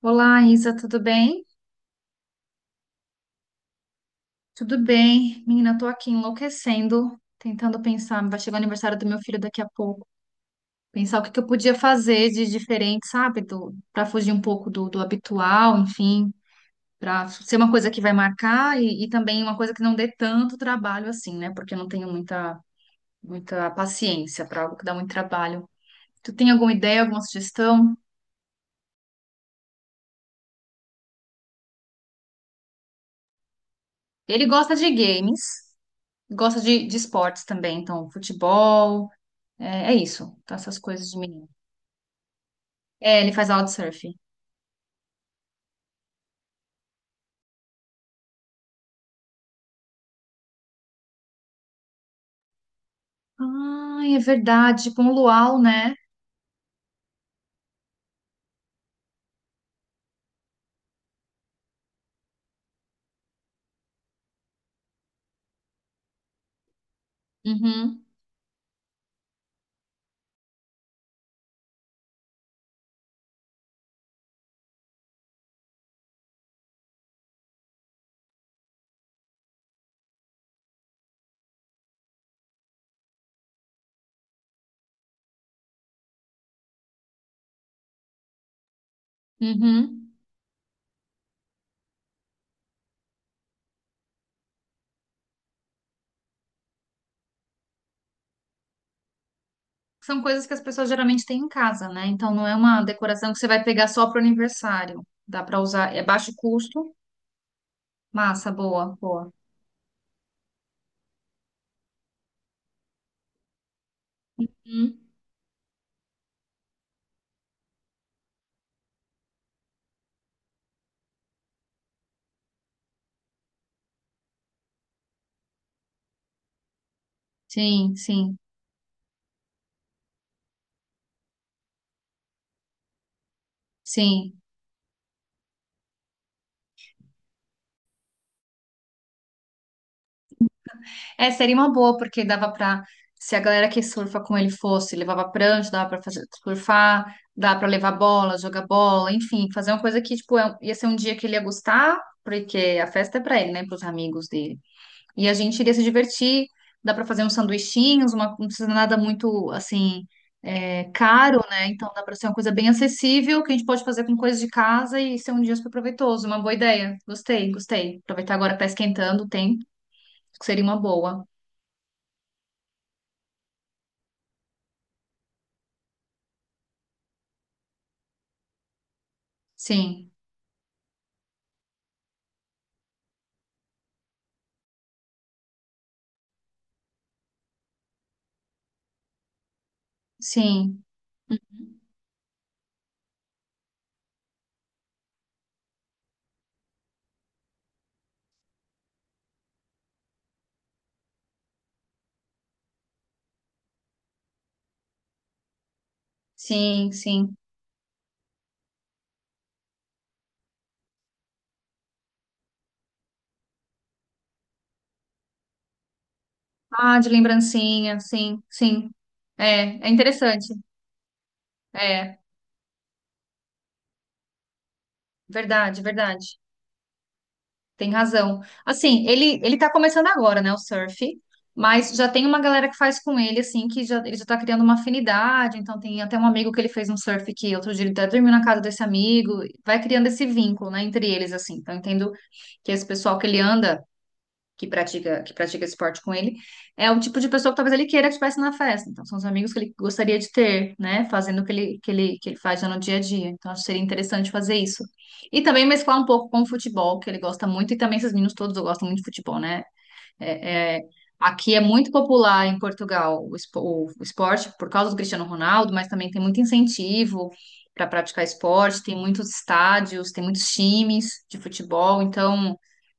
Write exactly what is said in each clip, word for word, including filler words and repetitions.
Olá, Isa, tudo bem? Tudo bem. Menina, eu tô aqui enlouquecendo, tentando pensar. Vai chegar o aniversário do meu filho daqui a pouco. Pensar o que que eu podia fazer de diferente, sabe? Do, para fugir um pouco do, do habitual, enfim, para ser uma coisa que vai marcar e, e também uma coisa que não dê tanto trabalho assim, né? Porque eu não tenho muita, muita paciência para algo que dá muito trabalho. Tu tem alguma ideia, alguma sugestão? Ele gosta de games, gosta de, de esportes também, então futebol. É, é isso, tá? Essas coisas de menino. É, ele faz aula de surf. Ai, é verdade, com o luau, né? Uhum, uhum. São coisas que as pessoas geralmente têm em casa, né? Então não é uma decoração que você vai pegar só pro aniversário. Dá pra usar, é baixo custo. Massa, boa, boa. Hum, Sim, sim, sim. É, seria uma boa, porque dava pra. Se a galera que surfa com ele fosse, levava prancha, dava pra fazer, surfar, dava pra levar bola, jogar bola, enfim, fazer uma coisa que, tipo, é- um- ia ser um dia que ele ia gostar, porque a festa é pra ele, né, pros amigos dele. E a gente iria se divertir, dá pra fazer uns sanduichinhos, uma, não precisa nada muito, assim, é, caro, né? Então dá pra ser uma coisa bem acessível, que a gente pode fazer com coisas de casa e ser um dia super proveitoso, uma boa ideia. Gostei, gostei. Aproveitar agora que tá esquentando o tempo, que seria uma boa. Sim, sim, uhum, sim, sim. Ah, de lembrancinha, sim, sim. É, é interessante. É, verdade, verdade. Tem razão. Assim, ele ele tá começando agora, né, o surf, mas já tem uma galera que faz com ele, assim, que já, ele já tá criando uma afinidade. Então, tem até um amigo que ele fez um surf que outro dia ele até dormiu na casa desse amigo. Vai criando esse vínculo, né, entre eles, assim. Então, eu entendo que esse pessoal que ele anda. Que pratica, que pratica esporte com ele, é o tipo de pessoa que talvez ele queira que estivesse na festa. Então, são os amigos que ele gostaria de ter, né? Fazendo o que ele, que ele, que ele faz já no dia a dia. Então, acho que seria interessante fazer isso. E também mesclar um pouco com o futebol, que ele gosta muito, e também esses meninos todos gostam muito de futebol, né? É, é, aqui é muito popular em Portugal o espo- o esporte por causa do Cristiano Ronaldo, mas também tem muito incentivo. Para praticar esporte, tem muitos estádios, tem muitos times de futebol, então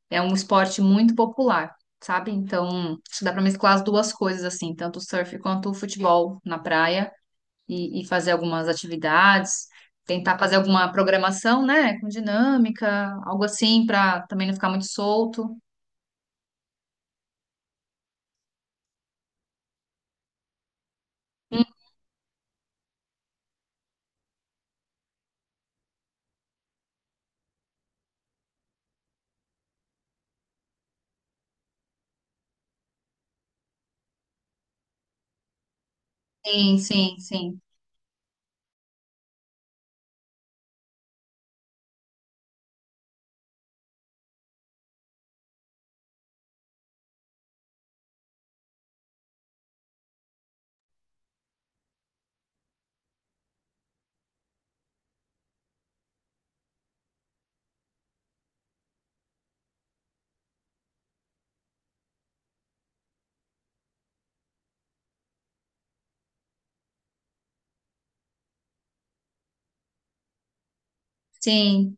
é um esporte muito popular, sabe? Então, acho que dá para mesclar as duas coisas, assim, tanto o surf quanto o futebol na praia e, e fazer algumas atividades, tentar fazer alguma programação, né, com dinâmica, algo assim, para também não ficar muito solto. Hum, Sim, sim, sim, sim.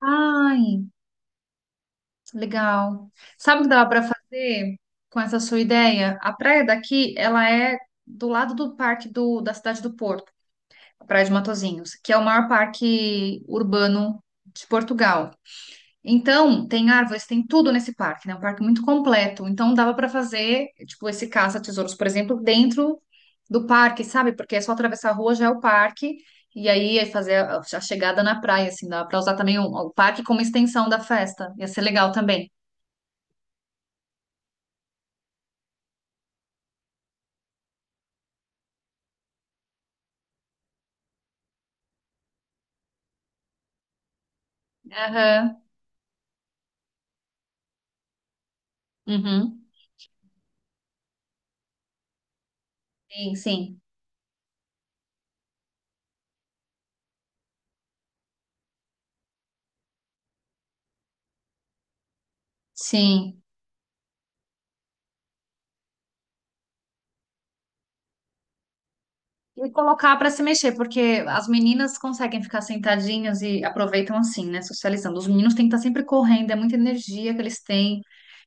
Ai, legal. Sabe o que dava para fazer com essa sua ideia? A praia daqui, ela é do lado do parque do, da cidade do Porto. Praia de Matozinhos, que é o maior parque urbano de Portugal. Então, tem árvores, tem tudo nesse parque, né? Um parque muito completo. Então, dava para fazer, tipo, esse caça-tesouros, por exemplo, dentro do parque, sabe? Porque é só atravessar a rua, já é o parque. E aí, é fazer a a chegada na praia, assim, dava para usar também o, o parque como extensão da festa. Ia ser legal também. Aham. Uhum. Sim, sim. Sim. E colocar para se mexer, porque as meninas conseguem ficar sentadinhas e aproveitam assim, né? Socializando. Os meninos têm que estar sempre correndo, é muita energia que eles têm.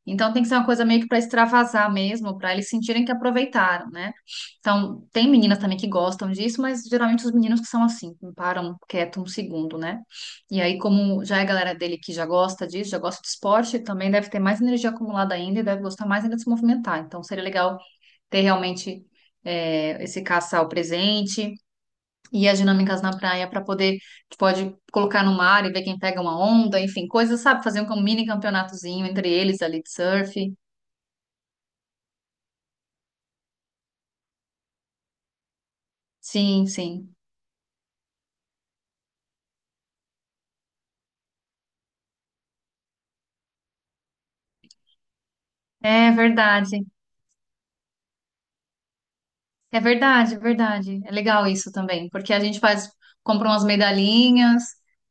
Então tem que ser uma coisa meio que para extravasar mesmo, para eles sentirem que aproveitaram, né? Então, tem meninas também que gostam disso, mas geralmente os meninos que são assim, que não param quieto um segundo, né? E aí, como já é a galera dele que já gosta disso, já gosta de esporte, também deve ter mais energia acumulada ainda e deve gostar mais ainda de se movimentar. Então, seria legal ter realmente é, esse caçar o presente e as dinâmicas na praia para poder, tu pode colocar no mar e ver quem pega uma onda, enfim, coisas, sabe? Fazer um mini campeonatozinho entre eles ali de surf. Sim, sim. É verdade. É verdade, é verdade. É legal isso também, porque a gente faz, compra umas medalhinhas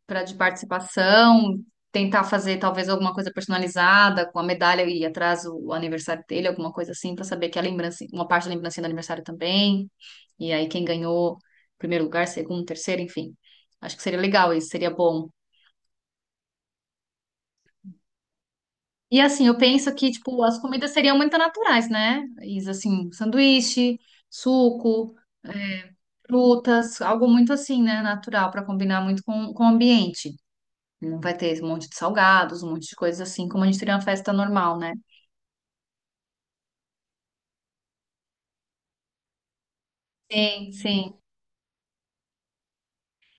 para de participação, tentar fazer talvez alguma coisa personalizada com a medalha e atrás o, o aniversário dele, alguma coisa assim, para saber que a lembrança, uma parte da lembrancinha do aniversário também. E aí quem ganhou primeiro lugar, segundo, terceiro, enfim. Acho que seria legal isso, seria bom. E assim, eu penso que tipo as comidas seriam muito naturais, né? Isso assim, sanduíche, suco frutas, algo muito assim, né? Natural, para combinar muito com, com o ambiente. Não vai ter um monte de salgados, um monte de coisas assim, como a gente teria uma festa normal, né? Sim, sim.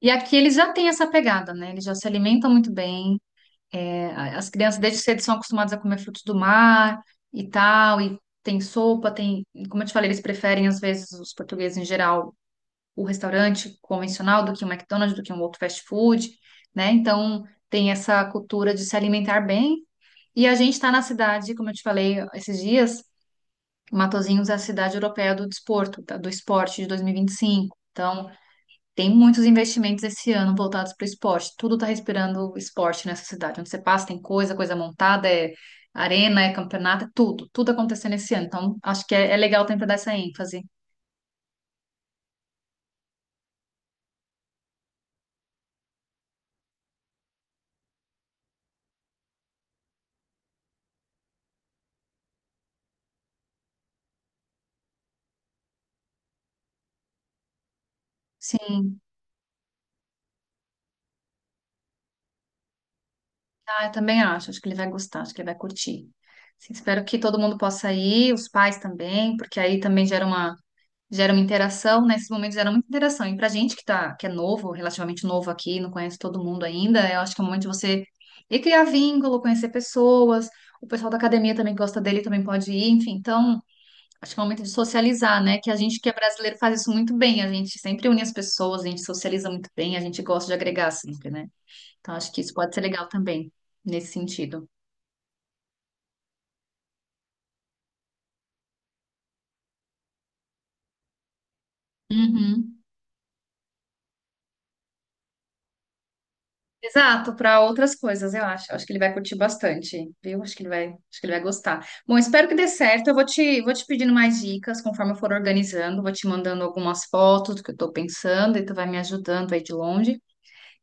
E aqui eles já têm essa pegada, né? Eles já se alimentam muito bem. É, a- as crianças desde cedo são acostumadas a comer frutos do mar e tal, e tem sopa, tem. Como eu te falei, eles preferem, às vezes, os portugueses em geral, o restaurante convencional do que um McDonald's, do que um outro fast food, né? Então, tem essa cultura de se alimentar bem. E a gente está na cidade, como eu te falei esses dias, Matosinhos é a cidade europeia do desporto, tá? Do esporte de dois mil e e vinte e cinco. Então, tem muitos investimentos esse ano voltados para o esporte. Tudo está respirando esporte nessa cidade. Onde você passa, tem coisa, coisa montada, é arena, é campeonato, é tudo. Tudo acontecendo esse ano. Então, acho que é, é legal tentar dar essa ênfase. Sim, ah, eu também acho. Acho que ele vai gostar, acho que ele vai curtir. Sim, espero que todo mundo possa ir, os pais também, porque aí também gera uma. Gera uma interação, nesses momentos gera muita interação. E pra gente que tá, que é novo, relativamente novo aqui, não conhece todo mundo ainda, eu acho que é o momento de você ir criar vínculo, conhecer pessoas. O pessoal da academia também que gosta dele, também pode ir, enfim. Então, acho que é o momento de socializar, né? Que a gente que é brasileiro faz isso muito bem. A gente sempre une as pessoas, a gente socializa muito bem, a gente gosta de agregar sempre, né? Então, acho que isso pode ser legal também, nesse sentido. Uhum. Exato, para outras coisas, eu acho. Eu acho que ele vai curtir bastante, viu? Acho que ele vai, acho que ele vai gostar. Bom, espero que dê certo. Eu vou te, vou te pedindo mais dicas conforme eu for organizando, vou te mandando algumas fotos do que eu estou pensando e tu vai me ajudando aí de longe.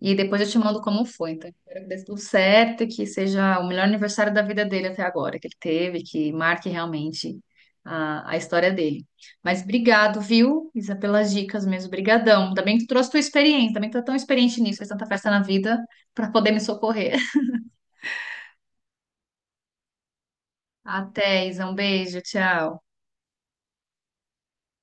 E depois eu te mando como foi. Então, espero que dê tudo certo, e que seja o melhor aniversário da vida dele até agora, que ele teve, que marque realmente a, a história dele. Mas obrigado, viu, Isa, pelas dicas mesmo. Brigadão. Ainda bem que tu trouxe tua experiência, também tu é tão experiente nisso, fez tanta festa na vida para poder me socorrer. Até, Isa, um beijo, tchau.